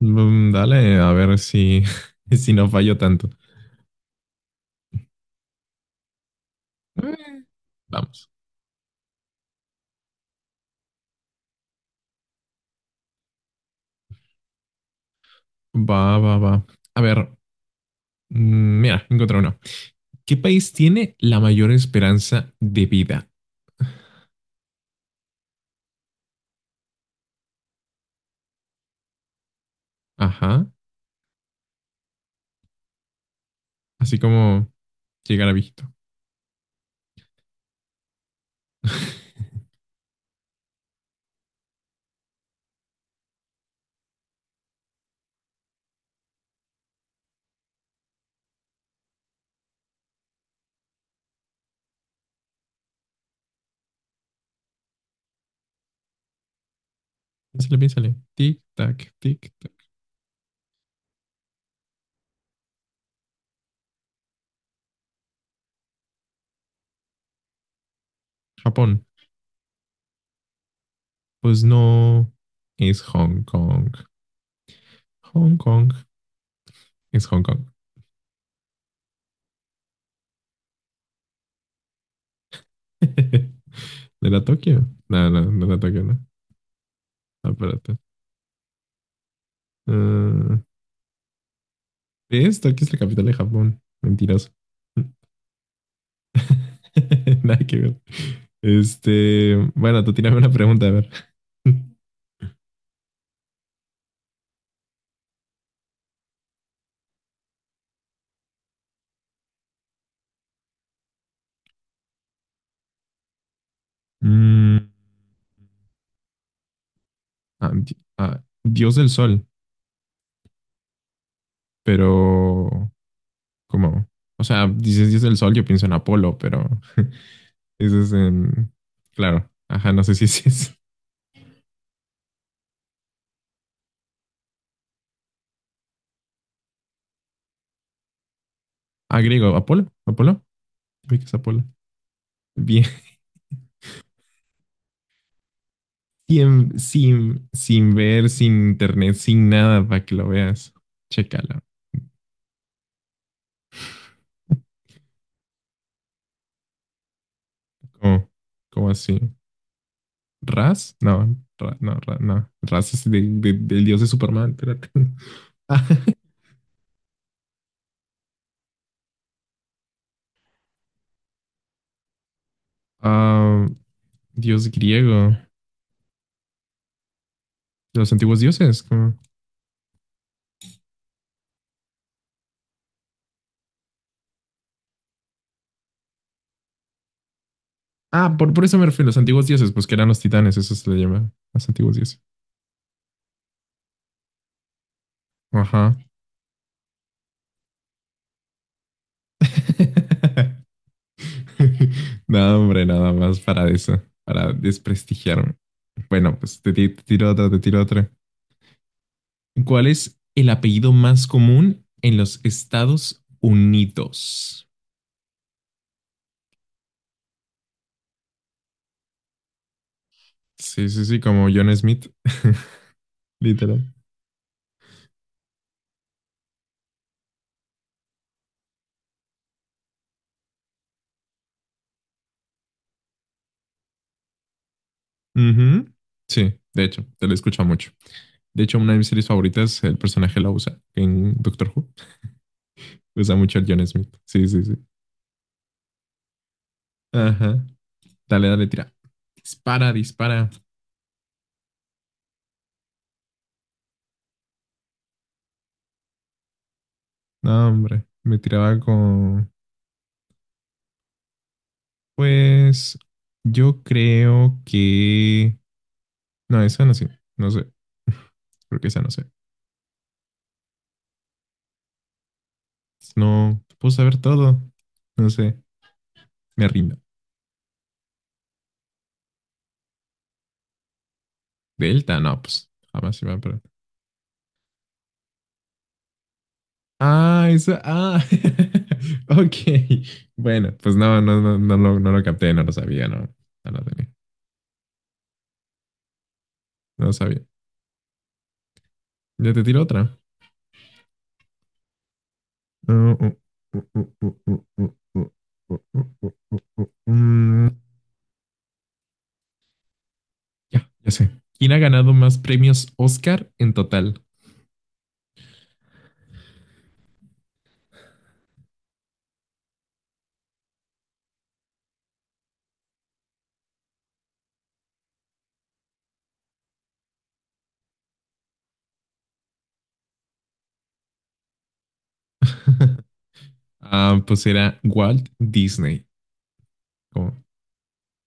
Mm, dale, a ver si no fallo tanto. Eh, Vamos. Va, va, va. A ver, mira, encontré uno. ¿Qué país tiene la mayor esperanza de vida? Ajá, así como llegar a viejito. Piénsale, piénsale. Tic, tac, tic, tac. Japón. Pues no, es Hong Kong. Hong Kong es Hong Kong. ¿No era Tokio? No, no, no era Tokio, no. Espérate. Ah. ¿Ves? Tokio es la capital de Japón. Mentiroso. Nada que ver. Este, bueno, tú tírame una pregunta, a ver. Mm, Dios del Sol, pero ¿cómo? O sea, dices Dios del Sol, yo pienso en Apolo, pero eso es en... Claro. Ajá, no sé si es- ah, griego. ¿Apolo? ¿Apolo? Creo que es Apolo. Bien. Sin ver, sin internet, sin nada para que lo veas. Chécala. ¿Cómo? ¿Cómo así? ¿Ras? No. Ra- no, Ra- no. Ras es del dios de Superman. Espérate. Ah, dios griego. ¿De los antiguos dioses? ¿Cómo? Ah, por eso me refiero. Los antiguos dioses, pues que eran los titanes. Eso se le llama. Los antiguos dioses. Ajá. No, hombre, nada más para eso, para desprestigiarme. Bueno, te tiro otra, te tiro otra. ¿Cuál es el apellido más común en los Estados Unidos? Sí, sí, sí, como John Smith, literal. Ujú. Sí, de hecho, te lo escucho mucho. De hecho, una de mis series favoritas, el personaje la usa en Doctor Who. Usa mucho el John Smith. Sí, sí, sí. Ajá. Dale, dale, tira. Dispara, dispara. No, hombre, me tiraba con... Pues yo creo que... No, esa no sé. No sé. Creo que esa no sé. No puedo saber todo. No sé. Me rindo. Delta, no, pues jamás iba a aprender. Ah, esa. Ah, ok. Bueno, pues no, no, no, no, no lo capté, no lo sabía, no. No lo tenía. No lo sabía. Ya te tiro otra. Uh, uh, uh, uh, uh, uh, uh, Mm, Ya, ya sé. ¿Quién ha ganado más premios Oscar en total? Ah, pues era Walt Disney. Como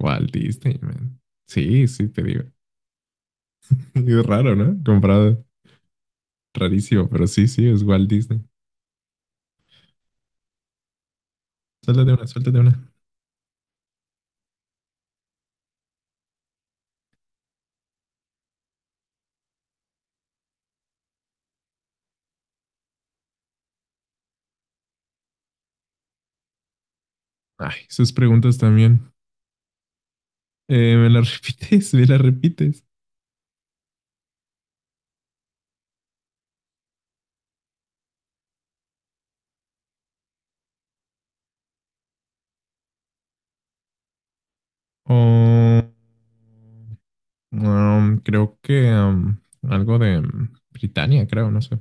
Walt Disney, man. Sí, sí, te digo. Es raro, ¿no? Comprado. Rarísimo, pero sí, sí, es Walt Disney. Suéltate una, suéltate una. Ay, sus preguntas también. ¿Me las repites? ¿Me las repites? Oh, creo que algo de Britania, creo, no sé.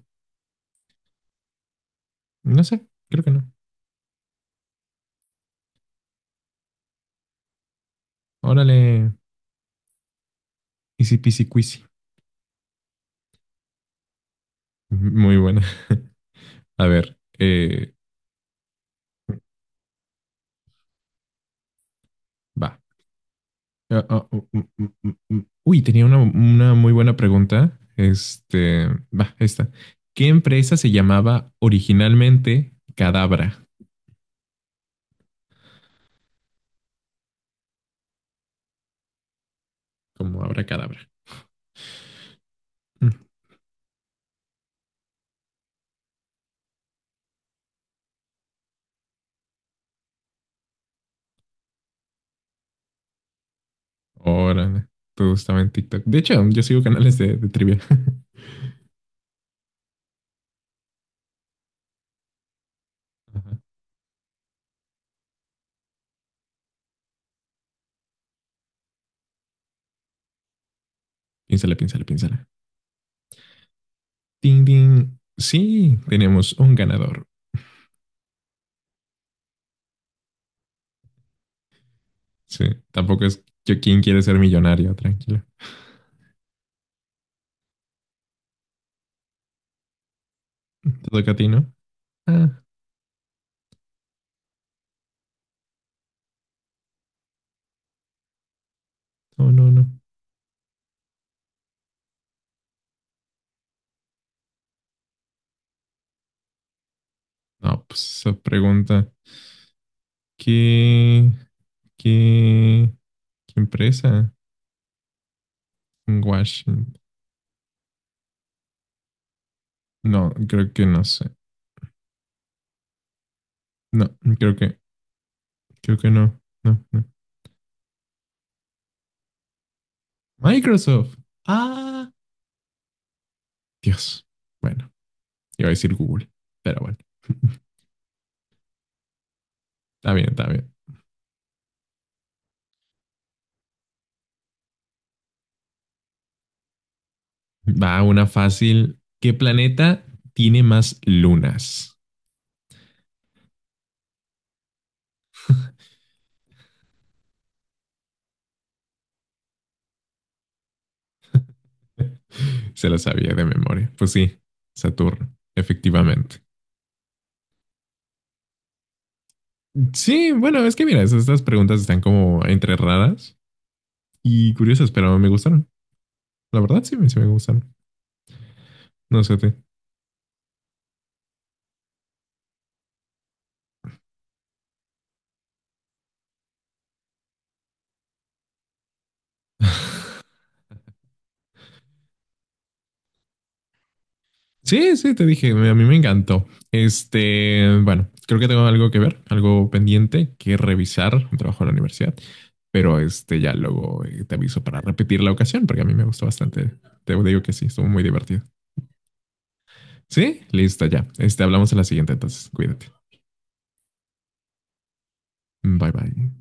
No sé, creo que no. Órale, easy peasy quizy. Muy buena. A ver, va. Uy, tenía una muy buena pregunta. Este, va, esta. ¿Qué empresa se llamaba originalmente Cadabra? Como Abracadabra. Mm. Órale, todo estaba en TikTok. De hecho, yo sigo canales de trivia. Ajá. Piénsala, piénsala, piénsala. Ding, ding. Sí, tenemos un ganador. Sí, tampoco es yo quien quiere ser millonario, tranquila. ¿Te toca a ti, no? Ah, no, no, no. No, pues esa pregunta. ¿Qué, qué, ¿qué empresa en Washington? No, creo que no sé. No, creo que, creo que no. No, no. Microsoft. Ah, Dios. Bueno, iba a decir Google, pero bueno. Está bien, está bien. Va, una fácil. ¿Qué planeta tiene más lunas? Se lo sabía de memoria. Pues sí, Saturno, efectivamente. Sí, bueno, es que mira, es- estas preguntas están como entre raras y curiosas, pero me gustaron. La verdad, sí me gustaron. No sé a ti. Sí, sí, te dije, a mí me encantó. Este, bueno, creo que tengo algo que ver, algo pendiente que revisar, un trabajo en la universidad, pero este ya luego te aviso para repetir la ocasión porque a mí me gustó bastante. Te digo que sí, estuvo muy divertido. Sí, listo ya. Este, hablamos en la siguiente entonces. Cuídate. Bye bye.